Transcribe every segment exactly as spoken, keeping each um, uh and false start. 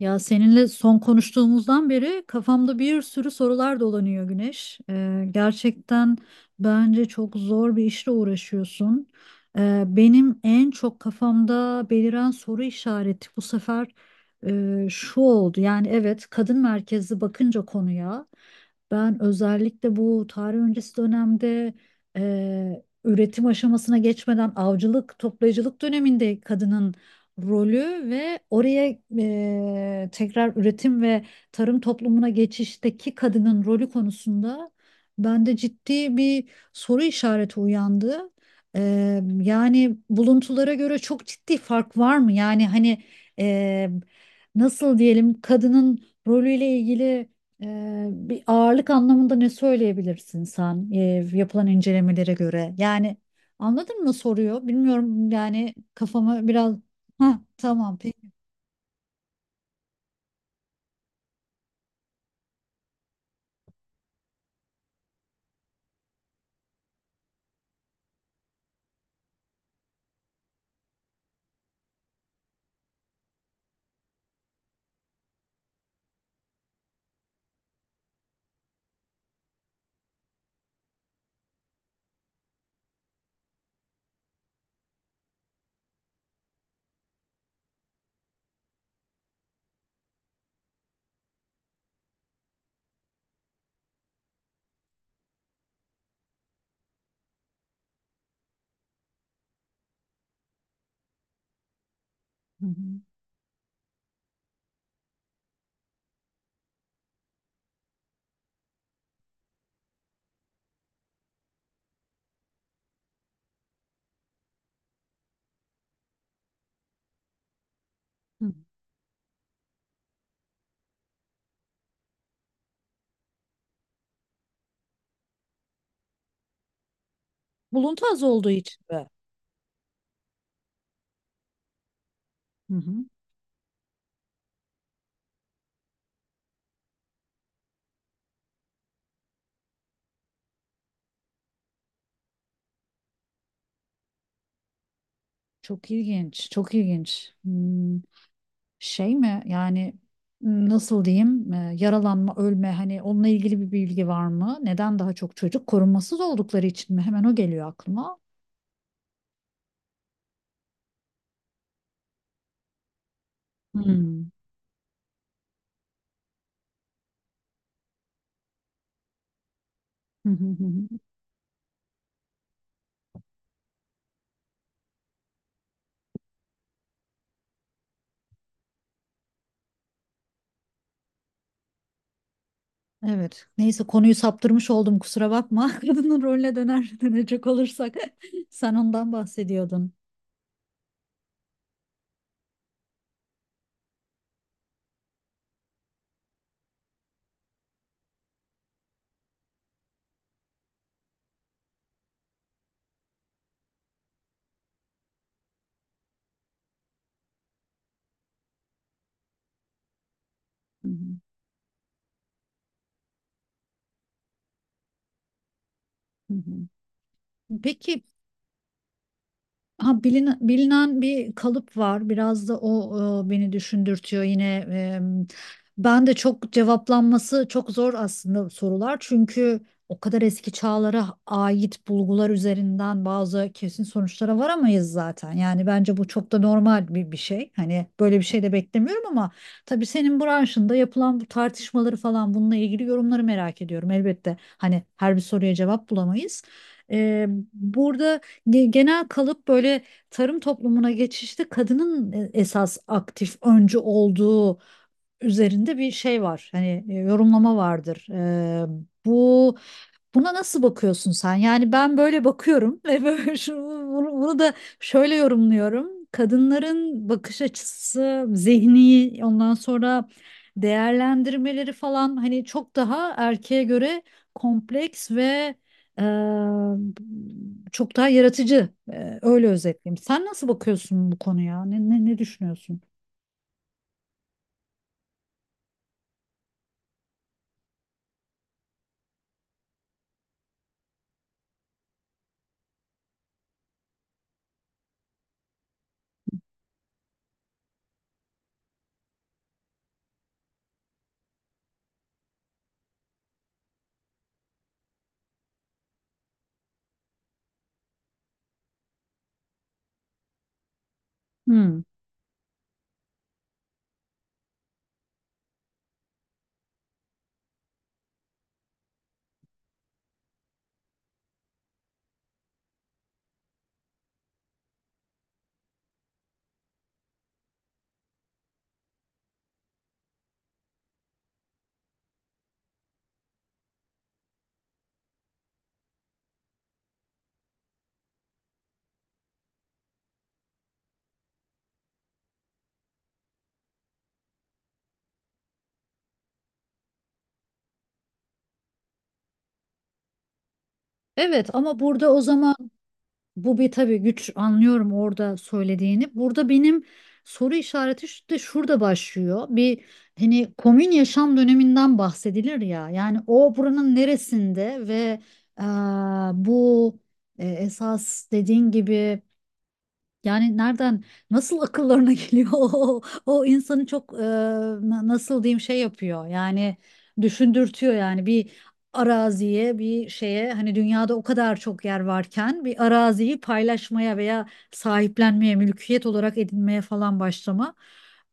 Ya seninle son konuştuğumuzdan beri kafamda bir sürü sorular dolanıyor Güneş. Ee, gerçekten bence çok zor bir işle uğraşıyorsun. Ee, benim en çok kafamda beliren soru işareti bu sefer e, şu oldu. Yani evet kadın merkezli bakınca konuya ben özellikle bu tarih öncesi dönemde e, üretim aşamasına geçmeden avcılık, toplayıcılık döneminde kadının rolü ve oraya e, tekrar üretim ve tarım toplumuna geçişteki kadının rolü konusunda bende ciddi bir soru işareti uyandı. E, yani buluntulara göre çok ciddi fark var mı? Yani hani e, nasıl diyelim kadının rolüyle ilgili e, bir ağırlık anlamında ne söyleyebilirsin sen e, yapılan incelemelere göre? Yani anladın mı soruyor? Bilmiyorum yani kafama biraz... Ha, tamam peki. Hı hı, hı. Buluntu az olduğu için mi? Hı. Hı. Çok ilginç, çok ilginç. Hmm, şey mi yani m, nasıl diyeyim e, yaralanma, ölme hani onunla ilgili bir bilgi var mı? Neden daha çok çocuk korumasız oldukları için mi? Hemen o geliyor aklıma. Hmm. Hı hı hı hı. Evet. Neyse konuyu saptırmış oldum kusura bakma. Kadının rolüne döner dönecek olursak sen ondan bahsediyordun. Hı hı hı hı. Peki. Ha, bilinen, bilinen bir kalıp var. Biraz da o e, beni düşündürtüyor yine. e, Ben de çok cevaplanması çok zor aslında sorular. Çünkü o kadar eski çağlara ait bulgular üzerinden bazı kesin sonuçlara varamayız zaten. Yani bence bu çok da normal bir, bir şey. Hani böyle bir şey de beklemiyorum ama tabii senin branşında yapılan bu tartışmaları falan bununla ilgili yorumları merak ediyorum. Elbette hani her bir soruya cevap bulamayız. E, burada Ge- genel kalıp böyle tarım toplumuna geçişte kadının e, esas aktif öncü olduğu üzerinde bir şey var. Hani e, yorumlama vardır. Ee, bu. Buna nasıl bakıyorsun sen? Yani ben böyle bakıyorum ve böyle şu- bunu, bunu da şöyle yorumluyorum. Kadınların bakış açısı, zihni, ondan sonra değerlendirmeleri falan hani çok daha erkeğe göre kompleks ve e, çok daha yaratıcı. E, öyle özetleyeyim. Sen nasıl bakıyorsun bu konuya? Ne, ne, ne düşünüyorsun? Hmm. Evet ama burada o zaman. Bu bir tabii güç anlıyorum orada söylediğini. Burada benim soru işareti şu- de şurada başlıyor. Bir hani komün yaşam döneminden bahsedilir ya. Yani o buranın neresinde ve eee, bu e, esas dediğin gibi yani nereden nasıl akıllarına geliyor o, o insanı çok e, na- nasıl diyeyim şey yapıyor yani düşündürtüyor yani bir araziye bir şeye hani dünyada o kadar çok yer varken bir araziyi paylaşmaya veya sahiplenmeye mülkiyet olarak edinmeye falan başlama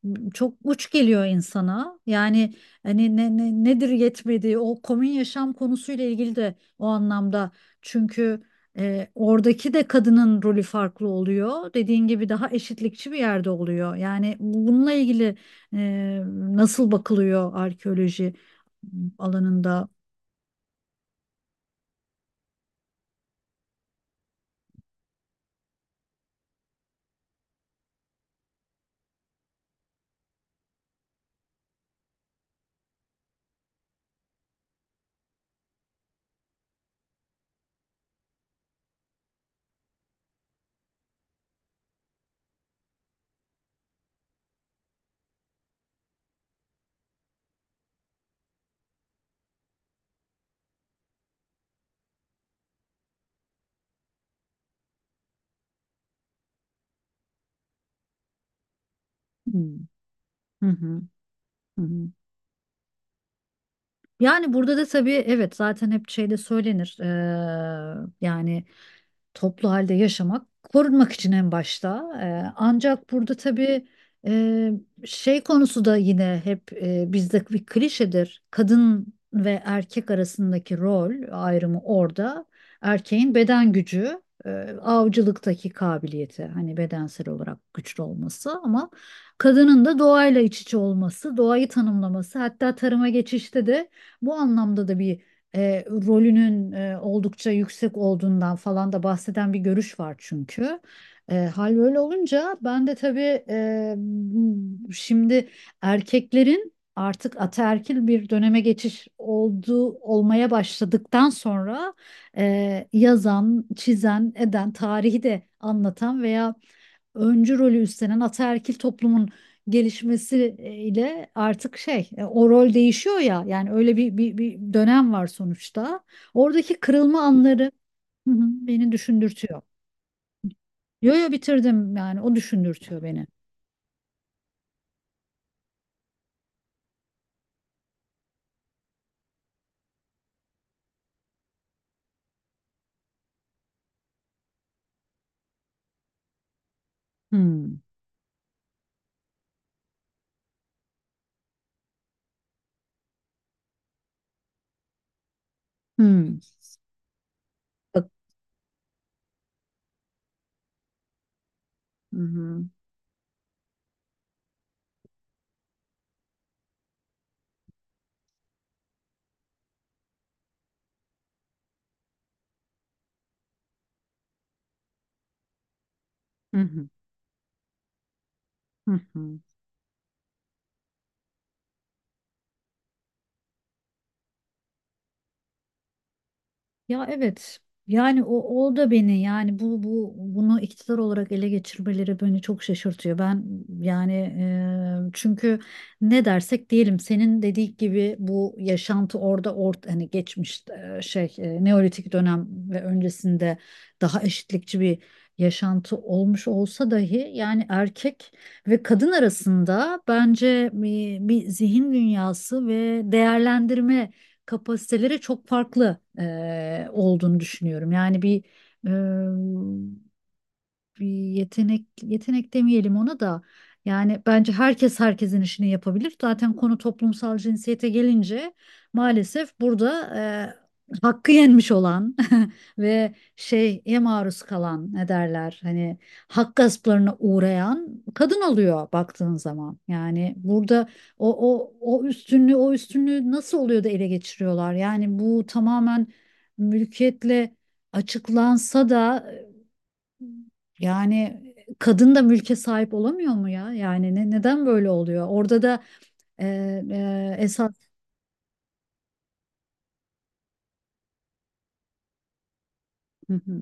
m, çok uç geliyor insana yani hani ne, ne- nedir yetmedi o komün yaşam konusuyla ilgili de o anlamda çünkü e, oradaki de kadının rolü farklı oluyor. Dediğin gibi daha eşitlikçi bir yerde oluyor. Yani bununla ilgili e, nasıl bakılıyor arkeoloji alanında? Hmm. Hı hı. Hı hı. Yani burada da tabii evet zaten hep şeyde söylenir. E, yani toplu halde yaşamak korunmak için en başta. Ee, ancak burada tabii e, şey konusu da yine hep e, bizde bir klişedir. Kadın ve erkek arasındaki rol ayrımı orada. Erkeğin beden gücü, e, avcılıktaki kabiliyeti hani bedensel olarak güçlü olması ama kadının da doğayla iç içe olması, doğayı tanımlaması, hatta tarıma geçişte de bu anlamda da bir e, rolünün e, oldukça yüksek olduğundan falan da bahseden bir görüş var çünkü. E, hal böyle olunca ben de tabii e, şimdi erkeklerin artık ataerkil bir döneme geçiş olduğu olmaya başladıktan sonra e, yazan, çizen, eden, tarihi de anlatan veya öncü rolü üstlenen ataerkil toplumun gelişmesiyle artık şey e, o rol değişiyor ya yani öyle bir, bir, bir dönem var sonuçta. Oradaki kırılma anları hı hı, beni düşündürtüyor. Yo yo bitirdim yani o düşündürtüyor beni. Hmm. Hmm. Bak- Hı hı, hı hı, hı hı. Ya evet. Yani o, o da beni yani bu bu bunu iktidar olarak ele geçirmeleri beni çok şaşırtıyor. Ben yani e, çünkü ne dersek diyelim senin dediğin gibi bu yaşantı orada ort hani geçmiş e, şey e, Neolitik dönem ve öncesinde daha eşitlikçi bir yaşantı olmuş olsa dahi yani erkek ve kadın arasında bence bir, bir zihin dünyası ve değerlendirme kapasitelere çok farklı e, olduğunu düşünüyorum. Yani bir e, bir yetenek yetenek demeyelim ona da yani bence herkes herkesin işini yapabilir. Zaten konu toplumsal cinsiyete gelince maalesef burada e, hakkı yenmiş olan ve şeye maruz kalan, ne derler hani, hak gasplarına uğrayan kadın oluyor baktığın zaman. Yani burada o o o üstünlüğü o üstünlüğü nasıl oluyor da ele geçiriyorlar? Yani bu tamamen mülkiyetle açıklansa da yani kadın da mülke sahip olamıyor mu ya? Yani ne, neden böyle oluyor? Orada da e, e, esas. Hı hı,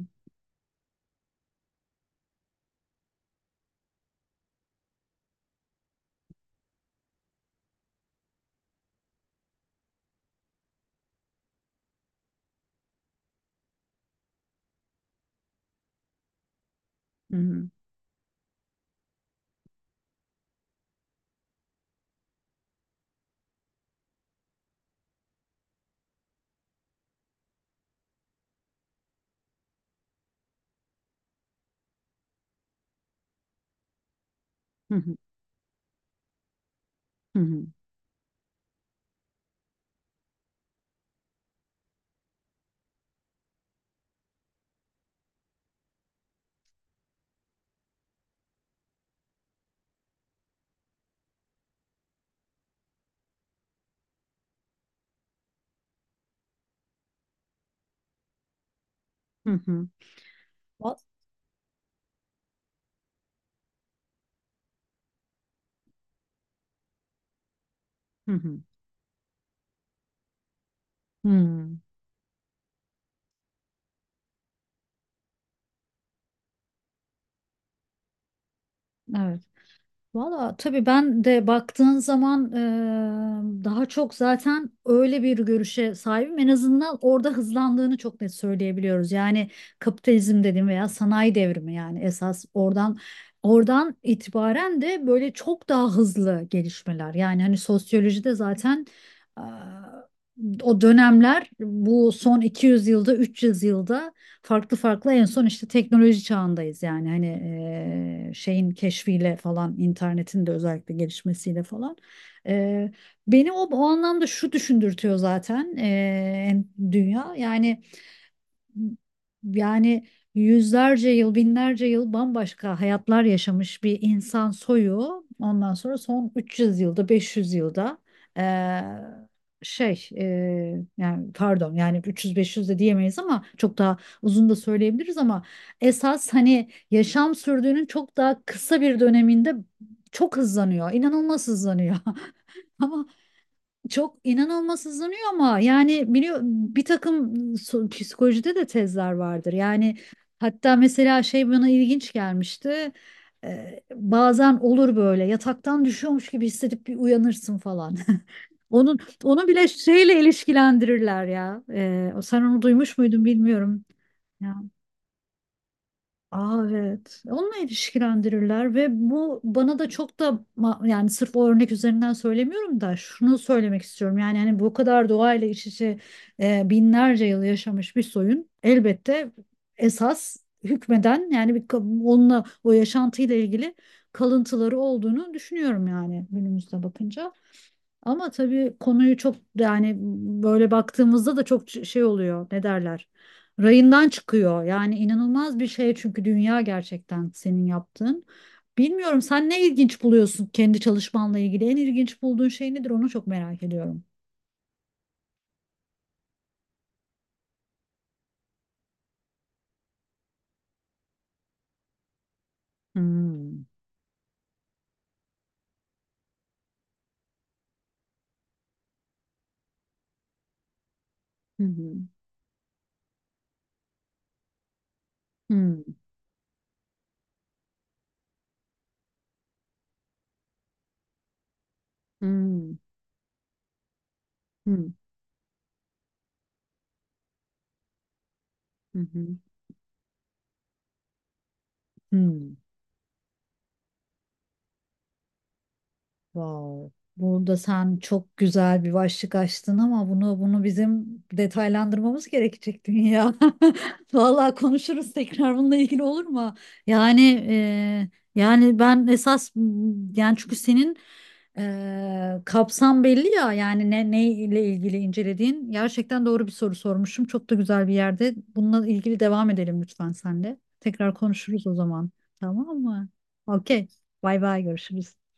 hı hı, hı hı, hı hı, hı hı. Hı hı, hı. Evet. Valla tabii ben de baktığın zaman eee, daha çok zaten öyle bir görüşe sahibim. En azından orada hızlandığını çok net söyleyebiliyoruz. Yani kapitalizm dediğim veya sanayi devrimi yani esas oradan oradan itibaren de böyle çok daha hızlı gelişmeler. Yani hani sosyolojide zaten eee, o dönemler bu son iki yüz yılda üç yüz yılda farklı farklı en son işte teknoloji çağındayız yani hani e, şeyin keşfiyle falan internetin de özellikle gelişmesiyle falan. E, beni o, o anlamda şu düşündürtüyor zaten e, dünya yani yani yüzlerce yıl, binlerce yıl bambaşka hayatlar yaşamış bir insan soyu. Ondan sonra son üç yüz yılda, beş yüz yılda eee, şey eee, yani pardon yani üç yüz beş yüz de diyemeyiz ama çok daha uzun da söyleyebiliriz ama esas hani yaşam sürdüğünün çok daha kısa bir döneminde çok hızlanıyor. İnanılmaz hızlanıyor. Ama çok inanılmaz hızlanıyor ama yani biliyor bir takım so- psikolojide de tezler vardır. Yani hatta mesela şey bana ilginç gelmişti. Ee, bazen olur böyle yataktan düşüyormuş gibi hissedip bir uyanırsın falan. Onun onu bile şeyle ilişkilendirirler ya. Ee, sen onu duymuş muydun bilmiyorum. Aa, evet. Onunla ilişkilendirirler ve bu bana da çok da ma- yani sırf o örnek üzerinden söylemiyorum da şunu söylemek istiyorum. Yani hani bu kadar doğayla iç içe e, binlerce yıl yaşamış bir soyun elbette esas hükmeden yani bir ka- onunla o yaşantıyla ilgili kalıntıları olduğunu düşünüyorum yani günümüzde bakınca. Ama tabii konuyu çok yani böyle baktığımızda da çok ç- şey oluyor. Ne derler? Rayından çıkıyor. Yani inanılmaz bir şey çünkü dünya gerçekten senin yaptığın. Bilmiyorum sen ne ilginç buluyorsun kendi çalışmanla ilgili? En ilginç bulduğun şey nedir? Onu çok merak ediyorum. Hmm. Hı hı. Hmm. Hmm. Hmm. Hı hı. Hmm. Wow. Burada sen çok güzel bir başlık açtın ama bunu bunu bizim detaylandırmamız gerekecek dünya. Vallahi konuşuruz tekrar bununla ilgili olur mu? Yani e, yani ben esas m, yani çünkü senin e, kapsam belli ya yani ne ne ile ilgili incelediğin gerçekten doğru bir soru sormuşum. Çok da güzel bir yerde. Bununla ilgili devam edelim lütfen sen de. Tekrar konuşuruz o zaman. Tamam mı? Okey. Bay bay görüşürüz.